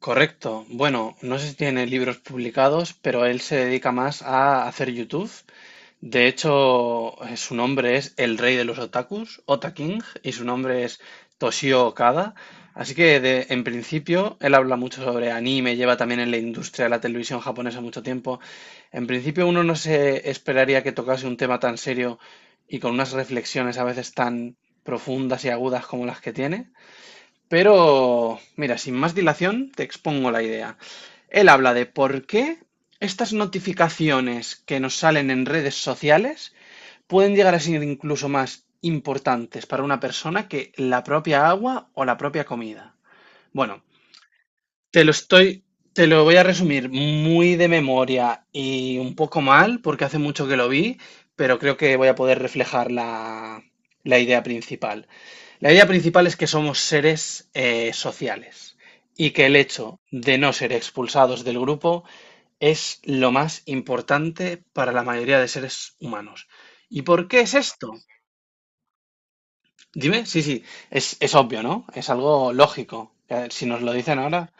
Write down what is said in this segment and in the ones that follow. Correcto. Bueno, no sé si tiene libros publicados, pero él se dedica más a hacer YouTube. De hecho, su nombre es el rey de los otakus, Ota King, y su nombre es Toshio Okada. Así que, en principio, él habla mucho sobre anime, lleva también en la industria de la televisión japonesa mucho tiempo. En principio, uno no se esperaría que tocase un tema tan serio y con unas reflexiones a veces tan profundas y agudas como las que tiene. Pero, mira, sin más dilación, te expongo la idea. Él habla de por qué estas notificaciones que nos salen en redes sociales pueden llegar a ser incluso más importantes para una persona que la propia agua o la propia comida. Bueno, te lo estoy, te lo voy a resumir muy de memoria y un poco mal, porque hace mucho que lo vi, pero creo que voy a poder reflejar la idea principal. La idea principal es que somos seres sociales y que el hecho de no ser expulsados del grupo es lo más importante para la mayoría de seres humanos. ¿Y por qué es esto? Dime, sí, sí, es obvio, ¿no? Es algo lógico. Si nos lo dicen ahora,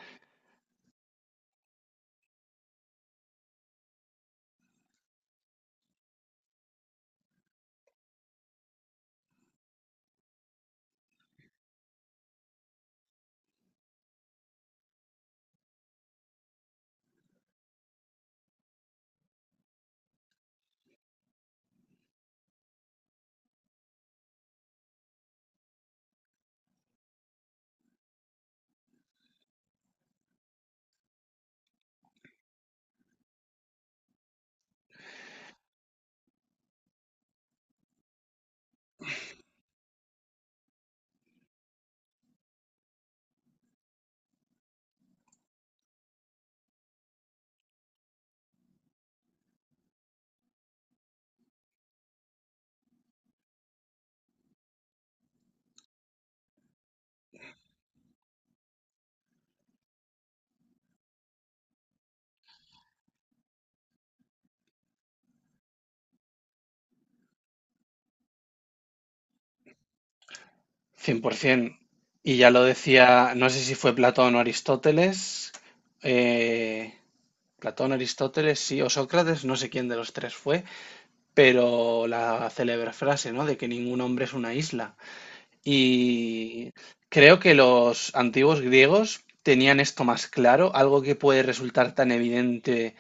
100%. Y ya lo decía, no sé si fue Platón o Aristóteles. eh, Platón, Aristóteles, sí, o Sócrates, no sé quién de los tres fue, pero la célebre frase, ¿no?, de que ningún hombre es una isla. Y creo que los antiguos griegos tenían esto más claro, algo que puede resultar tan evidente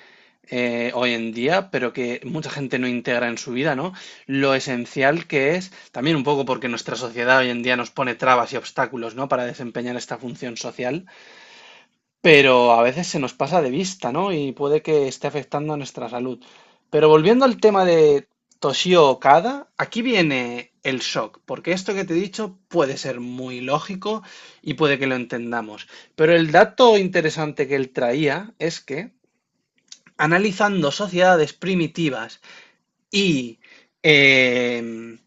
hoy en día, pero que mucha gente no integra en su vida, ¿no? Lo esencial que es, también un poco porque nuestra sociedad hoy en día nos pone trabas y obstáculos, ¿no?, para desempeñar esta función social, pero a veces se nos pasa de vista, ¿no?, y puede que esté afectando a nuestra salud. Pero volviendo al tema de Toshio Okada, aquí viene el shock, porque esto que te he dicho puede ser muy lógico y puede que lo entendamos. Pero el dato interesante que él traía es que analizando sociedades primitivas y em,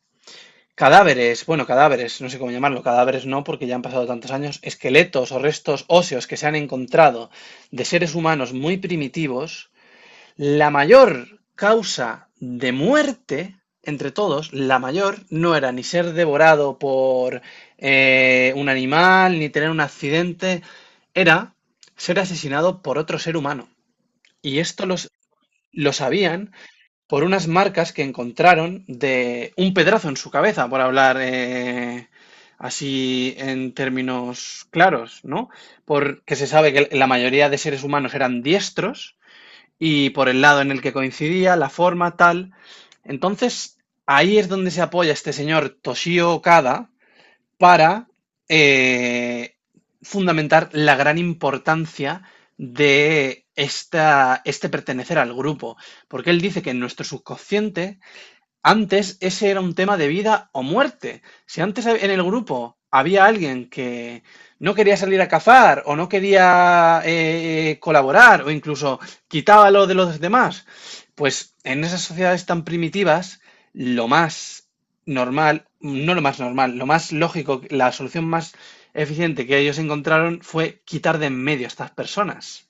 cadáveres, bueno, cadáveres, no sé cómo llamarlo, cadáveres no, porque ya han pasado tantos años, esqueletos o restos óseos que se han encontrado de seres humanos muy primitivos, la mayor causa de muerte entre todos, la mayor, no era ni ser devorado por un animal, ni tener un accidente, era ser asesinado por otro ser humano. Y esto lo sabían por unas marcas que encontraron de un pedrazo en su cabeza, por hablar así en términos claros, ¿no? Porque se sabe que la mayoría de seres humanos eran diestros y por el lado en el que coincidía, la forma, tal. Entonces, ahí es donde se apoya este señor Toshio Okada, para eh, fundamentar la gran importancia de este pertenecer al grupo, porque él dice que en nuestro subconsciente antes ese era un tema de vida o muerte. Si antes en el grupo había alguien que no quería salir a cazar o no quería colaborar o incluso quitaba lo de los demás, pues en esas sociedades tan primitivas, lo más normal, no lo más normal, lo más lógico, la solución más eficiente que ellos encontraron fue quitar de en medio a estas personas.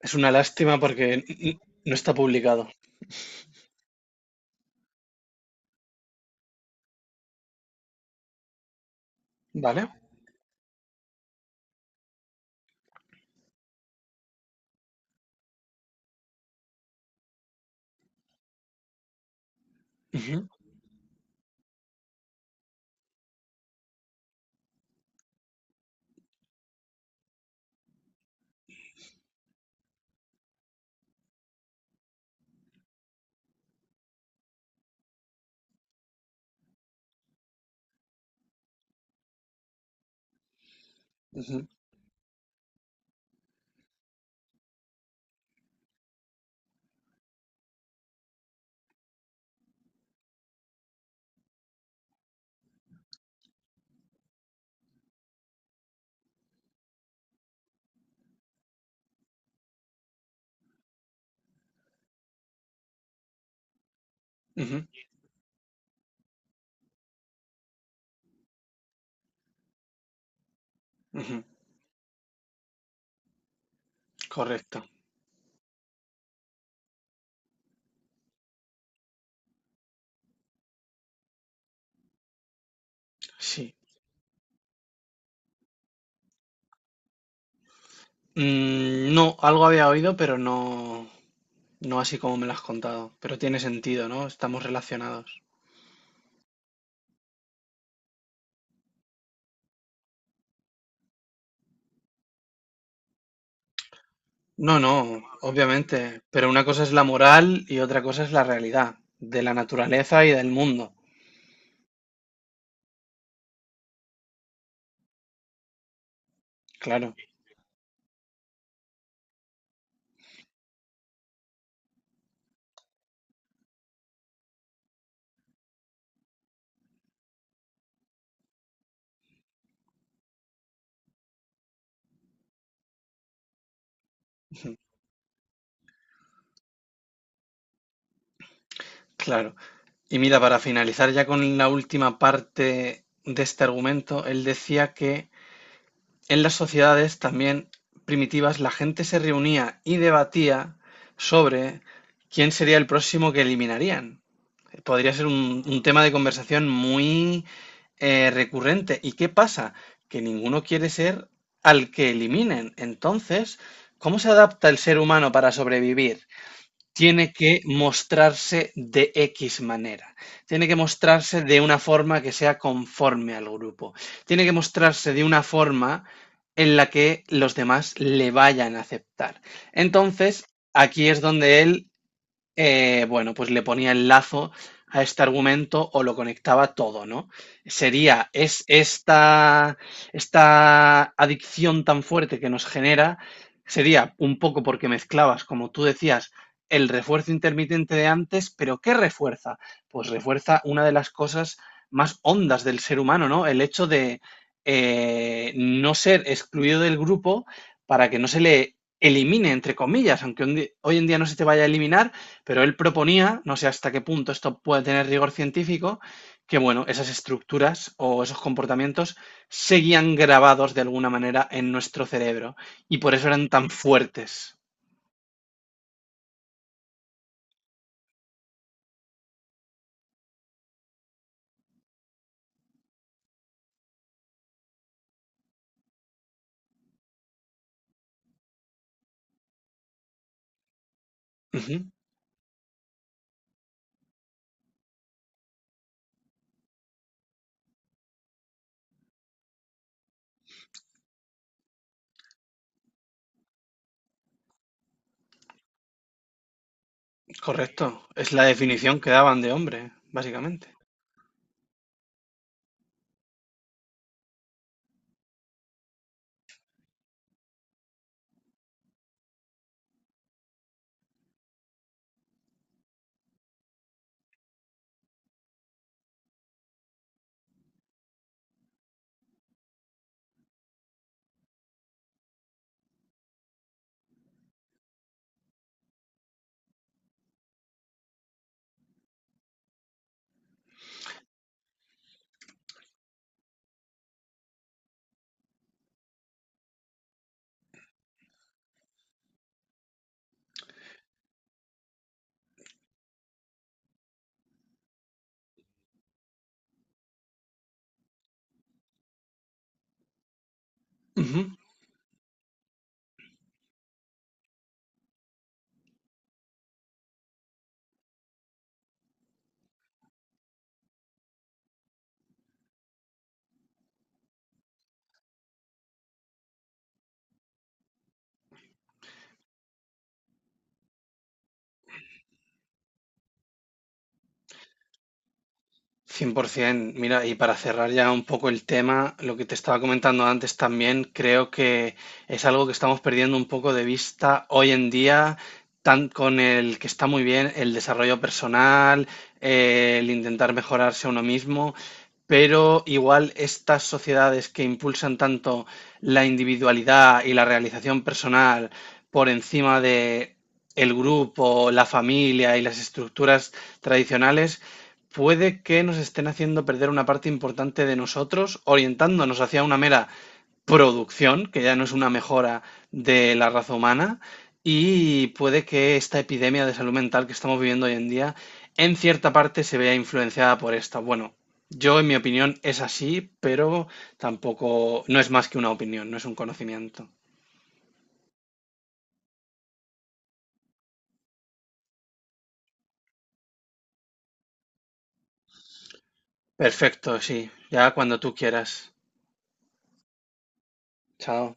Es una lástima porque no está publicado, ¿vale? Ujú, ujú, ujú. Ujú, correcto, sí. Mm, no, algo había oído, pero no, no así como me lo has contado. Pero tiene sentido, ¿no? Estamos relacionados. No, no, obviamente. Pero una cosa es la moral y otra cosa es la realidad de la naturaleza y del mundo. Claro, claro. Y mira, para finalizar ya con la última parte de este argumento, él decía que en las sociedades también primitivas la gente se reunía y debatía sobre quién sería el próximo que eliminarían. Podría ser un tema de conversación muy recurrente. ¿Y qué pasa? Que ninguno quiere ser al que eliminen. Entonces, ¿cómo se adapta el ser humano para sobrevivir? Tiene que mostrarse de X manera, tiene que mostrarse de una forma que sea conforme al grupo, tiene que mostrarse de una forma en la que los demás le vayan a aceptar. Entonces, aquí es donde él bueno, pues le ponía el lazo a este argumento o lo conectaba todo, ¿no? Sería, es esta adicción tan fuerte que nos genera, sería un poco porque mezclabas, como tú decías, el refuerzo intermitente de antes, pero ¿qué refuerza? Pues refuerza una de las cosas más hondas del ser humano, ¿no? El hecho de no ser excluido del grupo para que no se le elimine, entre comillas, aunque hoy en día no se te vaya a eliminar, pero él proponía, no sé hasta qué punto esto puede tener rigor científico, que bueno, esas estructuras o esos comportamientos seguían grabados de alguna manera en nuestro cerebro y por eso eran tan fuertes. Ujú, correcto, es la definición que daban de hombre, básicamente. Ujú. 100%. Mira, y para cerrar ya un poco el tema, lo que te estaba comentando antes también, creo que es algo que estamos perdiendo un poco de vista hoy en día, tan con el que está muy bien el desarrollo personal, el intentar mejorarse a uno mismo, pero igual estas sociedades que impulsan tanto la individualidad y la realización personal por encima de el grupo, la familia y las estructuras tradicionales, puede que nos estén haciendo perder una parte importante de nosotros, orientándonos hacia una mera producción, que ya no es una mejora de la raza humana, y puede que esta epidemia de salud mental que estamos viviendo hoy en día, en cierta parte se vea influenciada por esta. Bueno, yo en mi opinión es así, pero tampoco, no es más que una opinión, no es un conocimiento. Perfecto, sí, ya cuando tú quieras. Chao.